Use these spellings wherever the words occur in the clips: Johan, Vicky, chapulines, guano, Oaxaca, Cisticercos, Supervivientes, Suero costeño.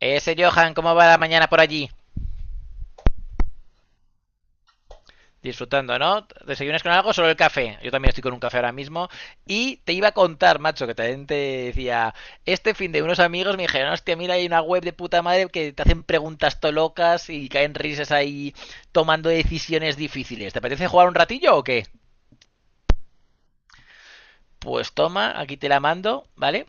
Ese Johan, ¿cómo va la mañana por allí? Disfrutando, ¿no? ¿Desayunas con algo? Solo el café. Yo también estoy con un café ahora mismo. Y te iba a contar, macho, que también te decía, este fin de unos amigos me dijeron, hostia, mira, hay una web de puta madre que te hacen preguntas to locas y caen risas ahí tomando decisiones difíciles. ¿Te apetece jugar un ratillo o qué? Pues toma, aquí te la mando, ¿vale?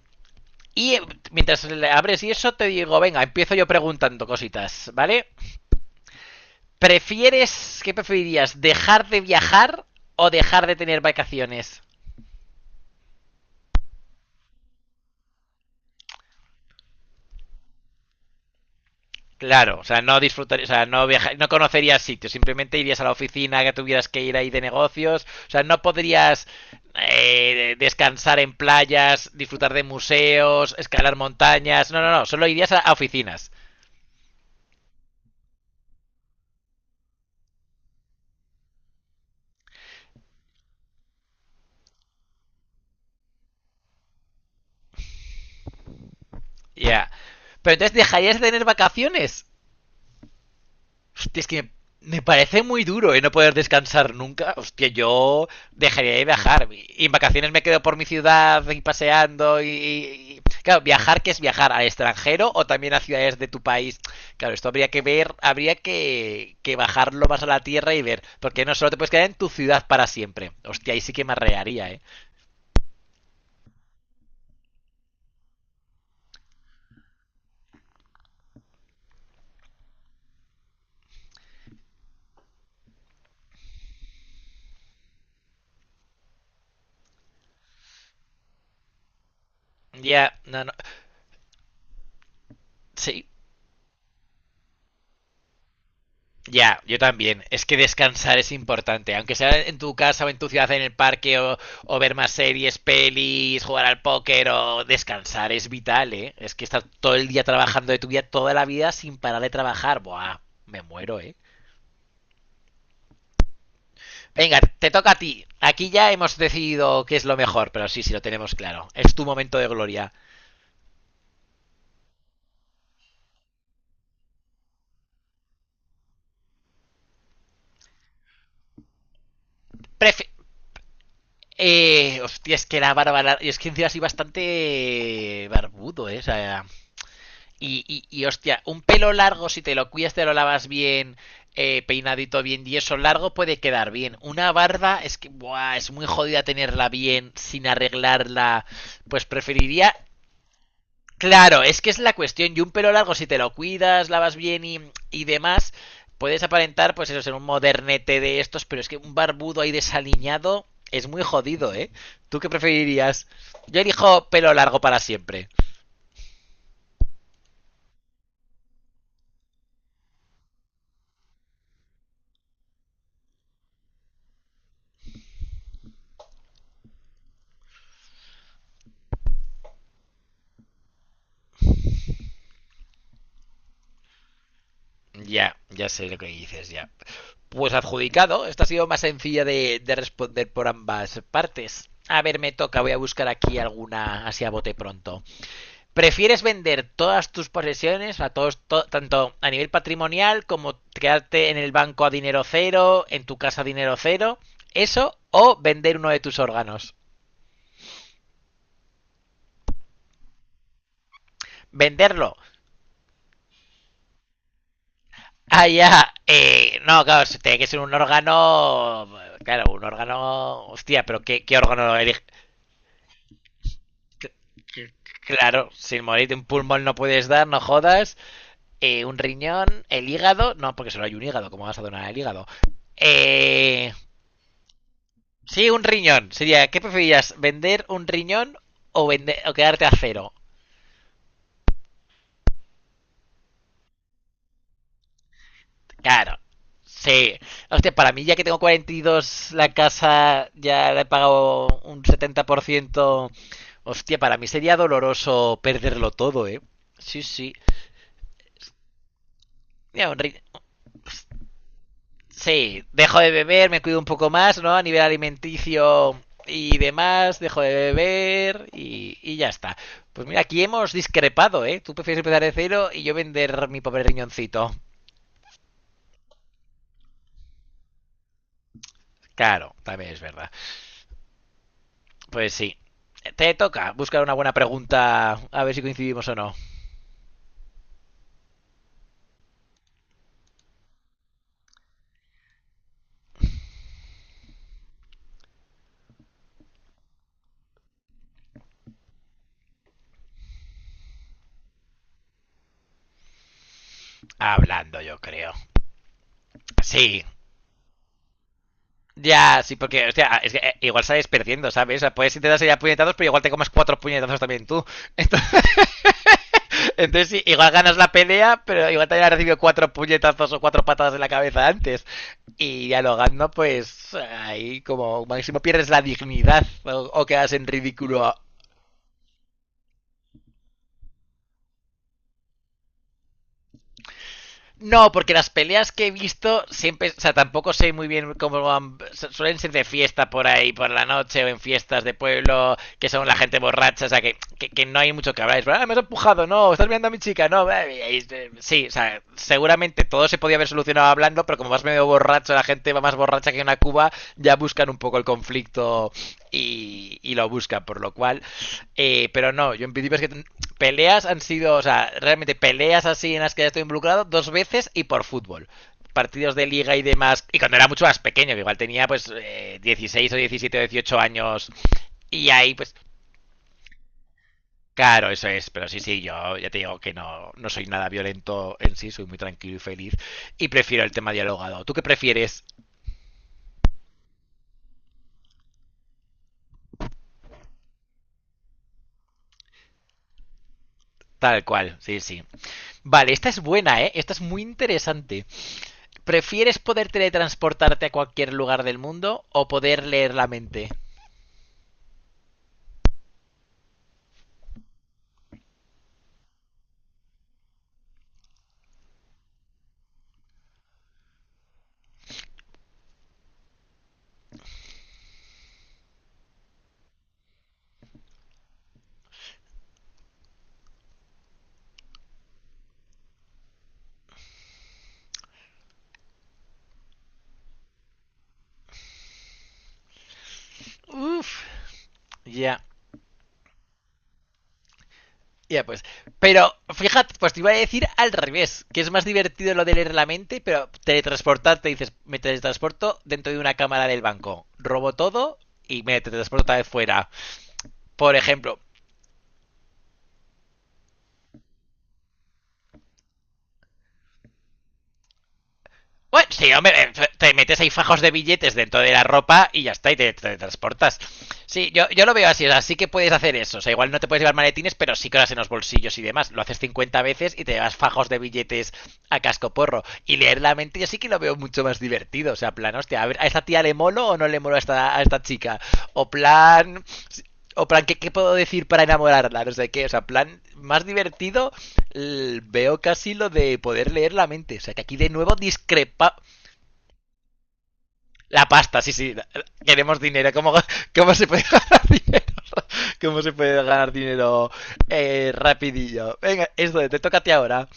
Y mientras le abres y eso, te digo, venga, empiezo yo preguntando cositas, ¿vale? ¿Prefieres, qué preferirías, dejar de viajar o dejar de tener vacaciones? Claro, o sea, no disfrutarías, o sea, no viajar, no conocerías sitios, simplemente irías a la oficina que tuvieras que ir ahí de negocios, o sea, no podrías descansar en playas, disfrutar de museos, escalar montañas, no, no, no, solo irías a oficinas. Ya. Yeah. Pero entonces dejarías de tener vacaciones. Hostia, es que me parece muy duro y no poder descansar nunca. Hostia, yo dejaría de viajar. Y en vacaciones me quedo por mi ciudad y paseando. Claro, viajar, que es viajar? ¿Al extranjero o también a ciudades de tu país? Claro, esto habría que ver, habría que bajarlo más a la tierra y ver. Porque no solo te puedes quedar en tu ciudad para siempre. Hostia, ahí sí que me arrearía, ¿eh? Ya, no, no. Sí, ya, yo también. Es que descansar es importante. Aunque sea en tu casa o en tu ciudad, en el parque, o ver más series, pelis, jugar al póker, o descansar es vital, ¿eh? Es que estar todo el día trabajando de tu vida, toda la vida, sin parar de trabajar. Buah, me muero, ¿eh? Venga, te toca a ti. Aquí ya hemos decidido qué es lo mejor, pero sí, sí, lo tenemos claro. Es tu momento de gloria. Prefe hostia, es que la barba. Y es que encima así bastante barbudo, ¿eh? O sea, y, hostia, un pelo largo, si te lo cuidas, te lo lavas bien, peinadito bien y eso largo puede quedar bien. Una barba es que buah, es muy jodida tenerla bien sin arreglarla. Pues preferiría... Claro, es que es la cuestión. Y un pelo largo, si te lo cuidas, lavas bien y demás, puedes aparentar, pues eso, ser un modernete de estos, pero es que un barbudo ahí desaliñado es muy jodido, ¿eh? ¿Tú qué preferirías? Yo elijo pelo largo para siempre. Ya, ya sé lo que dices, ya. Pues adjudicado. Esta ha sido más sencilla de responder por ambas partes. A ver, me toca, voy a buscar aquí alguna así a bote pronto. ¿Prefieres vender todas tus posesiones, a todos, tanto a nivel patrimonial como quedarte en el banco a dinero cero, en tu casa a dinero cero? ¿Eso o vender uno de tus órganos? Venderlo. Ah, ya. No, claro, si tiene que ser un órgano. Claro, un órgano. Hostia, pero ¿qué órgano elige? Claro, sin morirte un pulmón no puedes dar, no jodas. Un riñón, el hígado. No, porque solo hay un hígado, ¿cómo vas a donar el hígado? Eh, sí, un riñón. Sería, ¿qué preferirías? ¿Vender un riñón o, vender, o quedarte a cero? Claro. Sí. Hostia, para mí ya que tengo 42, la casa ya le he pagado un 70%. Hostia, para mí sería doloroso perderlo todo, ¿eh? Sí, sí. Mira. Sí, dejo de beber, me cuido un poco más, ¿no? A nivel alimenticio y demás, dejo de beber y ya está. Pues mira, aquí hemos discrepado, ¿eh? Tú prefieres empezar de cero y yo vender mi pobre riñoncito. Claro, también es verdad. Pues sí. Te toca buscar una buena pregunta, a ver si coincidimos o no. Hablando, yo creo. Sí, ya, sí, porque, hostia, es que igual sales perdiendo, ¿sabes? O sea, puedes intentar salir a puñetazos, pero igual te comas cuatro puñetazos también tú. Entonces, entonces, sí, igual ganas la pelea, pero igual te haya recibido cuatro puñetazos o cuatro patadas en la cabeza antes. Y dialogando, pues ahí como máximo pierdes la dignidad o quedas en ridículo. No, porque las peleas que he visto siempre, o sea, tampoco sé muy bien cómo van, suelen ser de fiesta por ahí, por la noche o en fiestas de pueblo, que son la gente borracha, o sea, que no hay mucho que hablar. Es, ah, me has empujado, no, estás mirando a mi chica, no. Sí, o sea, seguramente todo se podía haber solucionado hablando, pero como vas medio borracho, la gente va más borracha que una cuba, ya buscan un poco el conflicto y lo buscan, por lo cual, pero no, yo en principio es que peleas han sido, o sea, realmente peleas así en las que ya estoy involucrado 2 veces y por fútbol. Partidos de liga y demás, y cuando era mucho más pequeño, que igual tenía pues 16 o 17 o 18 años y ahí pues... Claro, eso es, pero sí, sí, yo ya te digo que no, no soy nada violento en sí, soy muy tranquilo y feliz y prefiero el tema dialogado. ¿Tú qué prefieres? Tal cual, sí, sí. Vale, esta es buena, ¿eh? Esta es muy interesante. ¿Prefieres poder teletransportarte a cualquier lugar del mundo o poder leer la mente? Uf, ya. Yeah. Ya yeah, pues. Pero fíjate, pues te iba a decir al revés, que es más divertido lo de leer la mente, pero teletransportarte, dices, me teletransporto dentro de una cámara del banco, robo todo y me teletransporto otra vez fuera. Por ejemplo, bueno, sí, hombre, te metes ahí fajos de billetes dentro de la ropa y ya está, y te transportas. Sí, yo lo veo así, o sea, sí que puedes hacer eso. O sea, igual no te puedes llevar maletines, pero sí que lo haces en los bolsillos y demás. Lo haces 50 veces y te llevas fajos de billetes a cascoporro. Y leer la mente yo sí que lo veo mucho más divertido. O sea, plan, hostia, a ver, ¿a esta tía le molo o no le molo a esta chica? O plan, o plan, ¿qué, qué puedo decir para enamorarla? No sé qué, o sea, plan, más divertido veo casi lo de poder leer la mente. O sea, que aquí de nuevo discrepa la pasta, sí, sí. Queremos dinero. ¿Cómo, cómo se puede ganar dinero? ¿Cómo se puede ganar dinero rapidillo? Venga, esto te toca a ti ahora.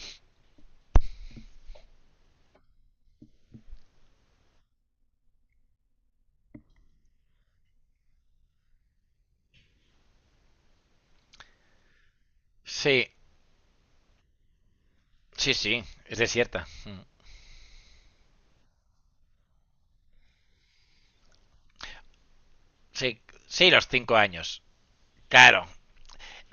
Sí, sí, sí. Es desierta. Mm. Sí, sí, los 5 años. Claro.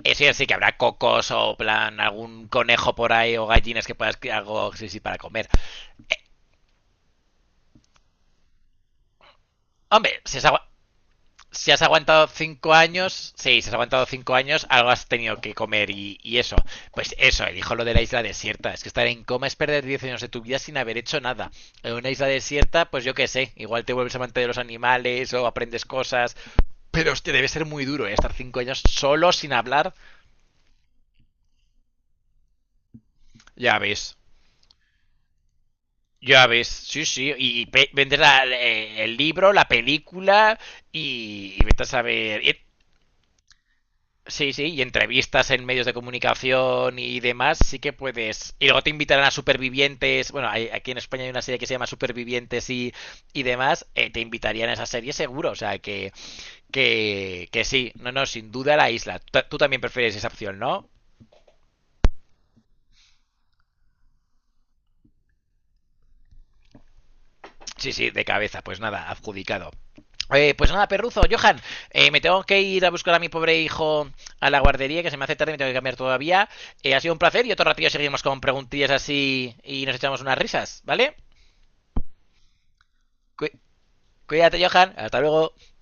Eso sí, sí que habrá cocos o plan algún conejo por ahí o gallinas que puedas algo sí, sí, para comer. Eh, hombre, si es agua, si has aguantado 5 años, sí, si has aguantado 5 años, algo has tenido que comer y eso. Pues eso, él dijo lo de la isla desierta. Es que estar en coma es perder 10 años de tu vida sin haber hecho nada. En una isla desierta, pues yo qué sé, igual te vuelves amante de los animales o aprendes cosas. Pero hostia, debe ser muy duro, ¿eh? Estar 5 años solo, sin hablar. Ya ves. Ya ves, sí, sí, y vendes el libro, la película y vete a saber. Sí, sí, y entrevistas en medios de comunicación y demás, sí que puedes. Y luego te invitarán a Supervivientes. Bueno, aquí en España hay una serie que se llama Supervivientes y demás. Te invitarían a esa serie seguro. O sea, que, que sí. No, no, sin duda la isla. Tú también prefieres esa opción, ¿no? Sí, sí, de cabeza. Pues nada, adjudicado. Pues nada, perruzo, Johan, me tengo que ir a buscar a mi pobre hijo a la guardería, que se me hace tarde y me tengo que cambiar todavía. Ha sido un placer y otro ratillo seguimos con preguntillas así y nos echamos unas risas, ¿vale? Cu- cuídate, Johan, hasta luego.